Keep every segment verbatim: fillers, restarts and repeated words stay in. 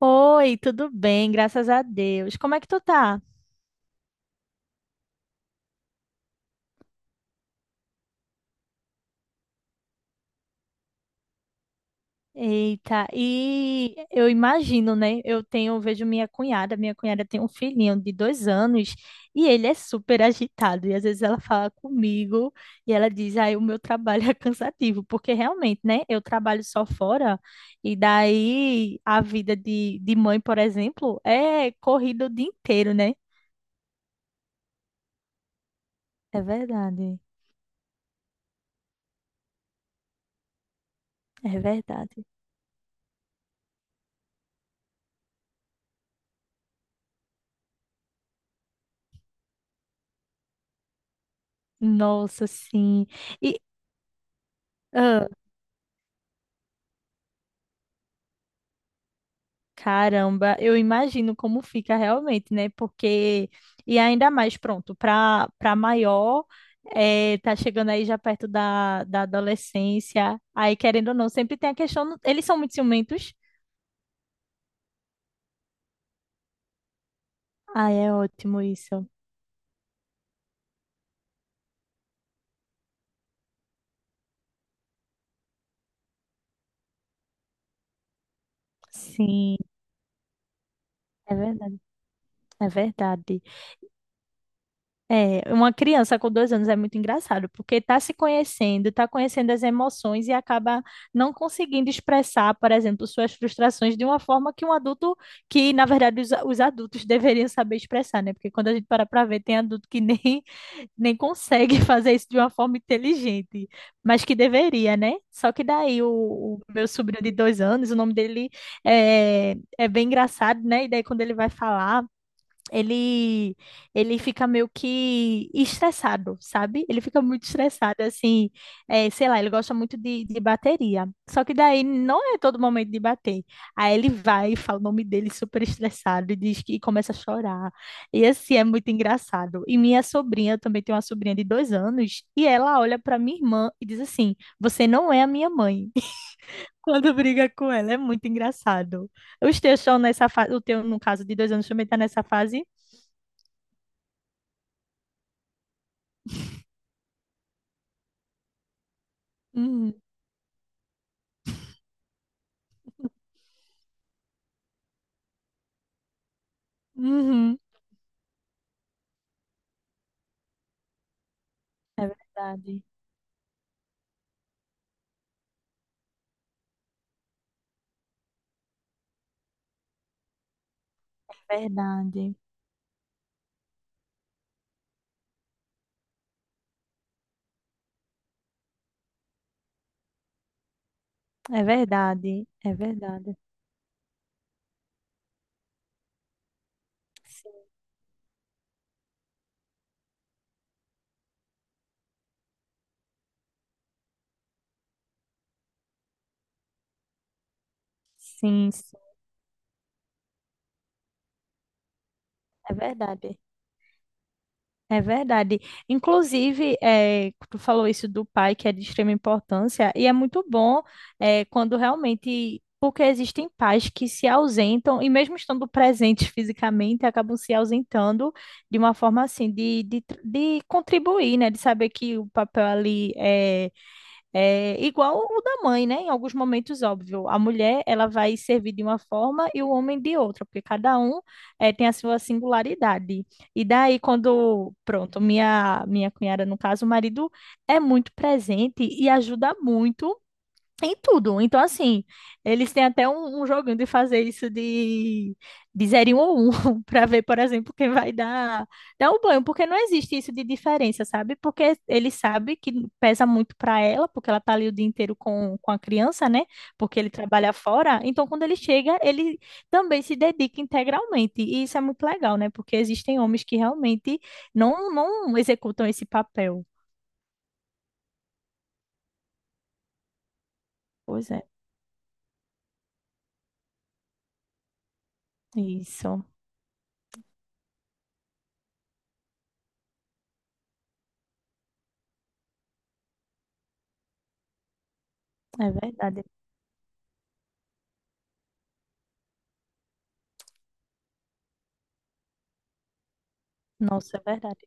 Oi, tudo bem? Graças a Deus. Como é que tu tá? Eita, e eu imagino, né? Eu tenho, eu vejo minha cunhada, minha cunhada tem um filhinho de dois anos e ele é super agitado. E às vezes ela fala comigo e ela diz, ai, o meu trabalho é cansativo, porque realmente, né? Eu trabalho só fora e daí a vida de, de mãe, por exemplo, é corrida o dia inteiro, né? É verdade, é verdade. Nossa, sim. E, Caramba, eu imagino como fica realmente, né? Porque, e ainda mais, pronto, para para maior, eh, tá chegando aí já perto da, da adolescência, aí querendo ou não, sempre tem a questão, eles são muito ciumentos. Ah, é ótimo isso. Sim, é verdade, é verdade. É, uma criança com dois anos é muito engraçado, porque está se conhecendo, está conhecendo as emoções e acaba não conseguindo expressar, por exemplo, suas frustrações de uma forma que um adulto, que na verdade os, os adultos deveriam saber expressar, né? Porque quando a gente para para ver, tem adulto que nem, nem consegue fazer isso de uma forma inteligente, mas que deveria, né? Só que daí o, o meu sobrinho de dois anos, o nome dele é, é bem engraçado, né? E daí quando ele vai falar, ele ele fica meio que estressado, sabe? Ele fica muito estressado, assim, é, sei lá, ele gosta muito de, de bateria. Só que daí não é todo momento de bater. Aí ele vai e fala o nome dele super estressado e diz que e começa a chorar. E assim, é muito engraçado. E minha sobrinha, eu também tenho uma sobrinha de dois anos, e ela olha para minha irmã e diz assim, você não é a minha mãe. Quando briga com ela, é muito engraçado. Os teus estão nessa fase, o teu, no caso, de dois anos também está nessa fase? Uhum. Uhum. É verdade, verdade, é verdade, é verdade. Sim, sim, sim, é verdade, é verdade. Inclusive, é, tu falou isso do pai, que é de extrema importância, e é muito bom é, quando realmente, porque existem pais que se ausentam, e mesmo estando presentes fisicamente, acabam se ausentando de uma forma assim, de, de, de contribuir, né? De saber que o papel ali é É igual o da mãe, né? Em alguns momentos, óbvio. A mulher, ela vai servir de uma forma e o homem de outra, porque cada um eh, tem a sua singularidade. E daí, quando, pronto, minha, minha cunhada, no caso, o marido é muito presente e ajuda muito em tudo. Então, assim, eles têm até um, um joguinho de fazer isso de, de zero ou um, para ver, por exemplo, quem vai dar, dar o banho, porque não existe isso de diferença, sabe? Porque ele sabe que pesa muito para ela, porque ela tá ali o dia inteiro com, com a criança, né? Porque ele trabalha fora. Então, quando ele chega, ele também se dedica integralmente. E isso é muito legal, né? Porque existem homens que realmente não, não executam esse papel. Pois é, isso. É verdade. Nossa, é verdade.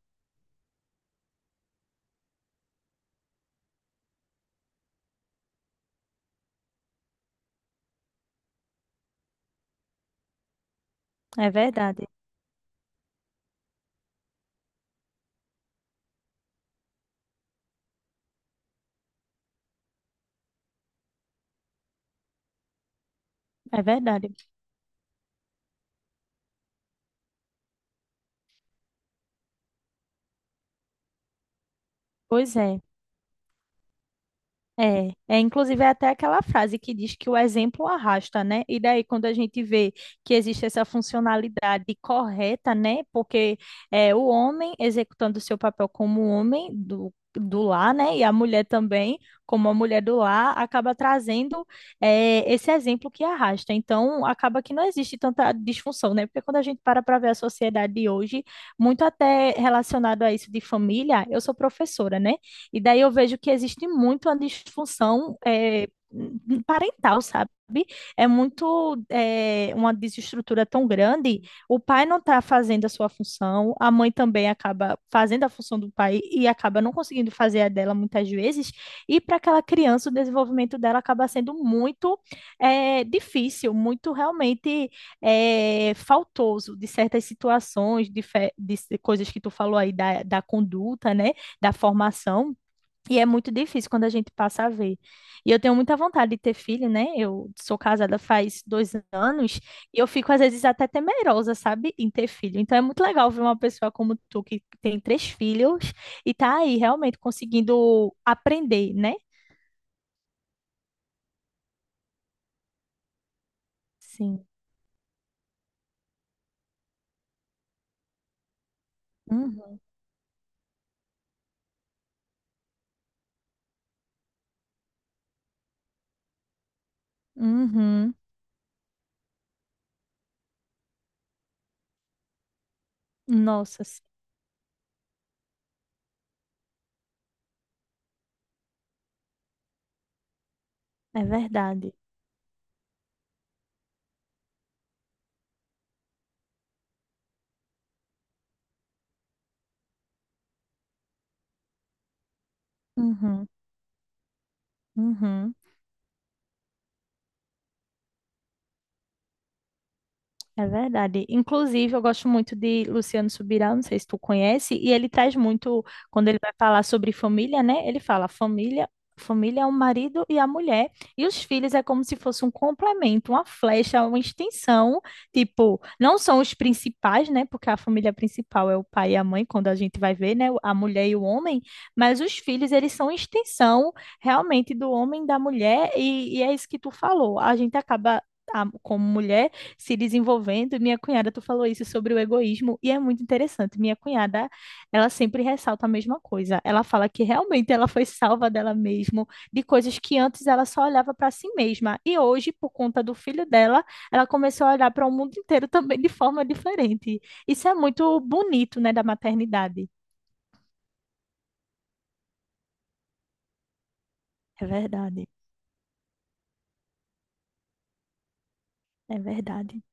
É verdade, é verdade. Pois é. É, é, inclusive é até aquela frase que diz que o exemplo arrasta, né? E daí, quando a gente vê que existe essa funcionalidade correta, né? Porque é o homem executando o seu papel como homem do, do lar, né? E a mulher também, como a mulher do lar, acaba trazendo é, esse exemplo que arrasta. Então, acaba que não existe tanta disfunção, né? Porque quando a gente para para ver a sociedade de hoje, muito até relacionado a isso de família, eu sou professora, né? E daí eu vejo que existe muito a disfunção é, parental, sabe? É muito é, uma desestrutura tão grande. O pai não está fazendo a sua função, a mãe também acaba fazendo a função do pai e acaba não conseguindo fazer a dela muitas vezes. E para aquela criança, o desenvolvimento dela acaba sendo muito é, difícil, muito realmente é, faltoso de certas situações, de, fe- de coisas que tu falou aí da, da conduta, né? Da formação e é muito difícil quando a gente passa a ver. E eu tenho muita vontade de ter filho, né? Eu sou casada faz dois anos e eu fico, às vezes, até temerosa, sabe, em ter filho. Então é muito legal ver uma pessoa como tu, que tem três filhos e tá aí realmente conseguindo aprender, né? Sim. Uhum. Uhum. Nossa, sim. É verdade. Uhum. Uhum. É verdade. Inclusive, eu gosto muito de Luciano Subirá, não sei se tu conhece, e ele traz muito, quando ele vai falar sobre família, né? Ele fala, família, família é o marido e a mulher, e os filhos é como se fosse um complemento, uma flecha, uma extensão, tipo, não são os principais, né? Porque a família principal é o pai e a mãe, quando a gente vai ver, né? A mulher e o homem, mas os filhos, eles são extensão realmente do homem e da mulher, e, e é isso que tu falou. A gente acaba a- como mulher se desenvolvendo. Minha cunhada, tu falou isso sobre o egoísmo, e é muito interessante. Minha cunhada, ela sempre ressalta a mesma coisa. Ela fala que realmente ela foi salva dela mesma, de coisas que antes ela só olhava para si mesma. E hoje, por conta do filho dela, ela começou a olhar para o mundo inteiro também de forma diferente. Isso é muito bonito, né, da maternidade. É verdade, é verdade.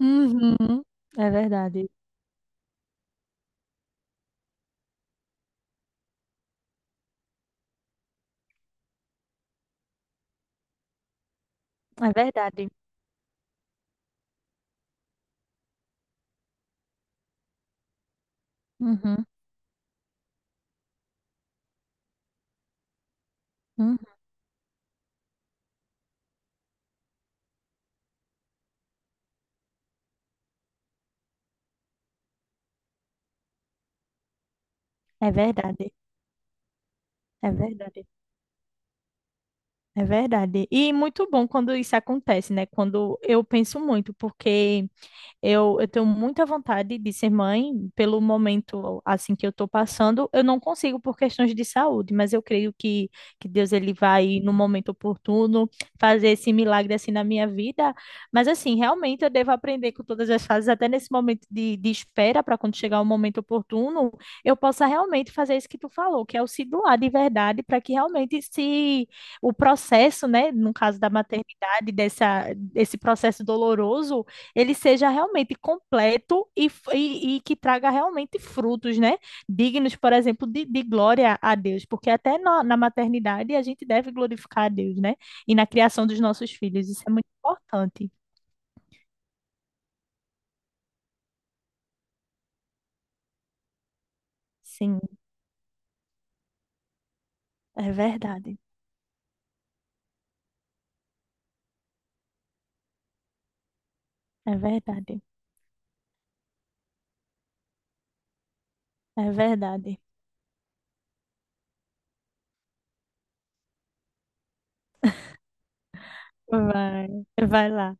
Uhum, é verdade, é verdade. Uhum, uhum, é verdade, é verdade. É verdade. E muito bom quando isso acontece, né? Quando eu penso muito, porque eu, eu tenho muita vontade de ser mãe pelo momento assim que eu estou passando. Eu não consigo por questões de saúde, mas eu creio que, que Deus ele vai no momento oportuno fazer esse milagre assim na minha vida. Mas assim, realmente eu devo aprender com todas as fases, até nesse momento de, de espera para quando chegar o momento oportuno, eu possa realmente fazer isso que tu falou, que é o se doar de verdade para que realmente se o processo, né, no caso da maternidade, dessa, desse processo doloroso ele seja realmente completo e, f- e, e que traga realmente frutos, né? Dignos, por exemplo, de, de glória a Deus, porque até na, na maternidade a gente deve glorificar a Deus, né? E na criação dos nossos filhos, isso é muito importante. Sim, é verdade, é verdade, é verdade. Vai, vai lá,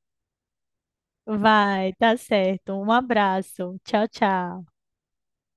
vai, tá certo. Um abraço, tchau, tchau.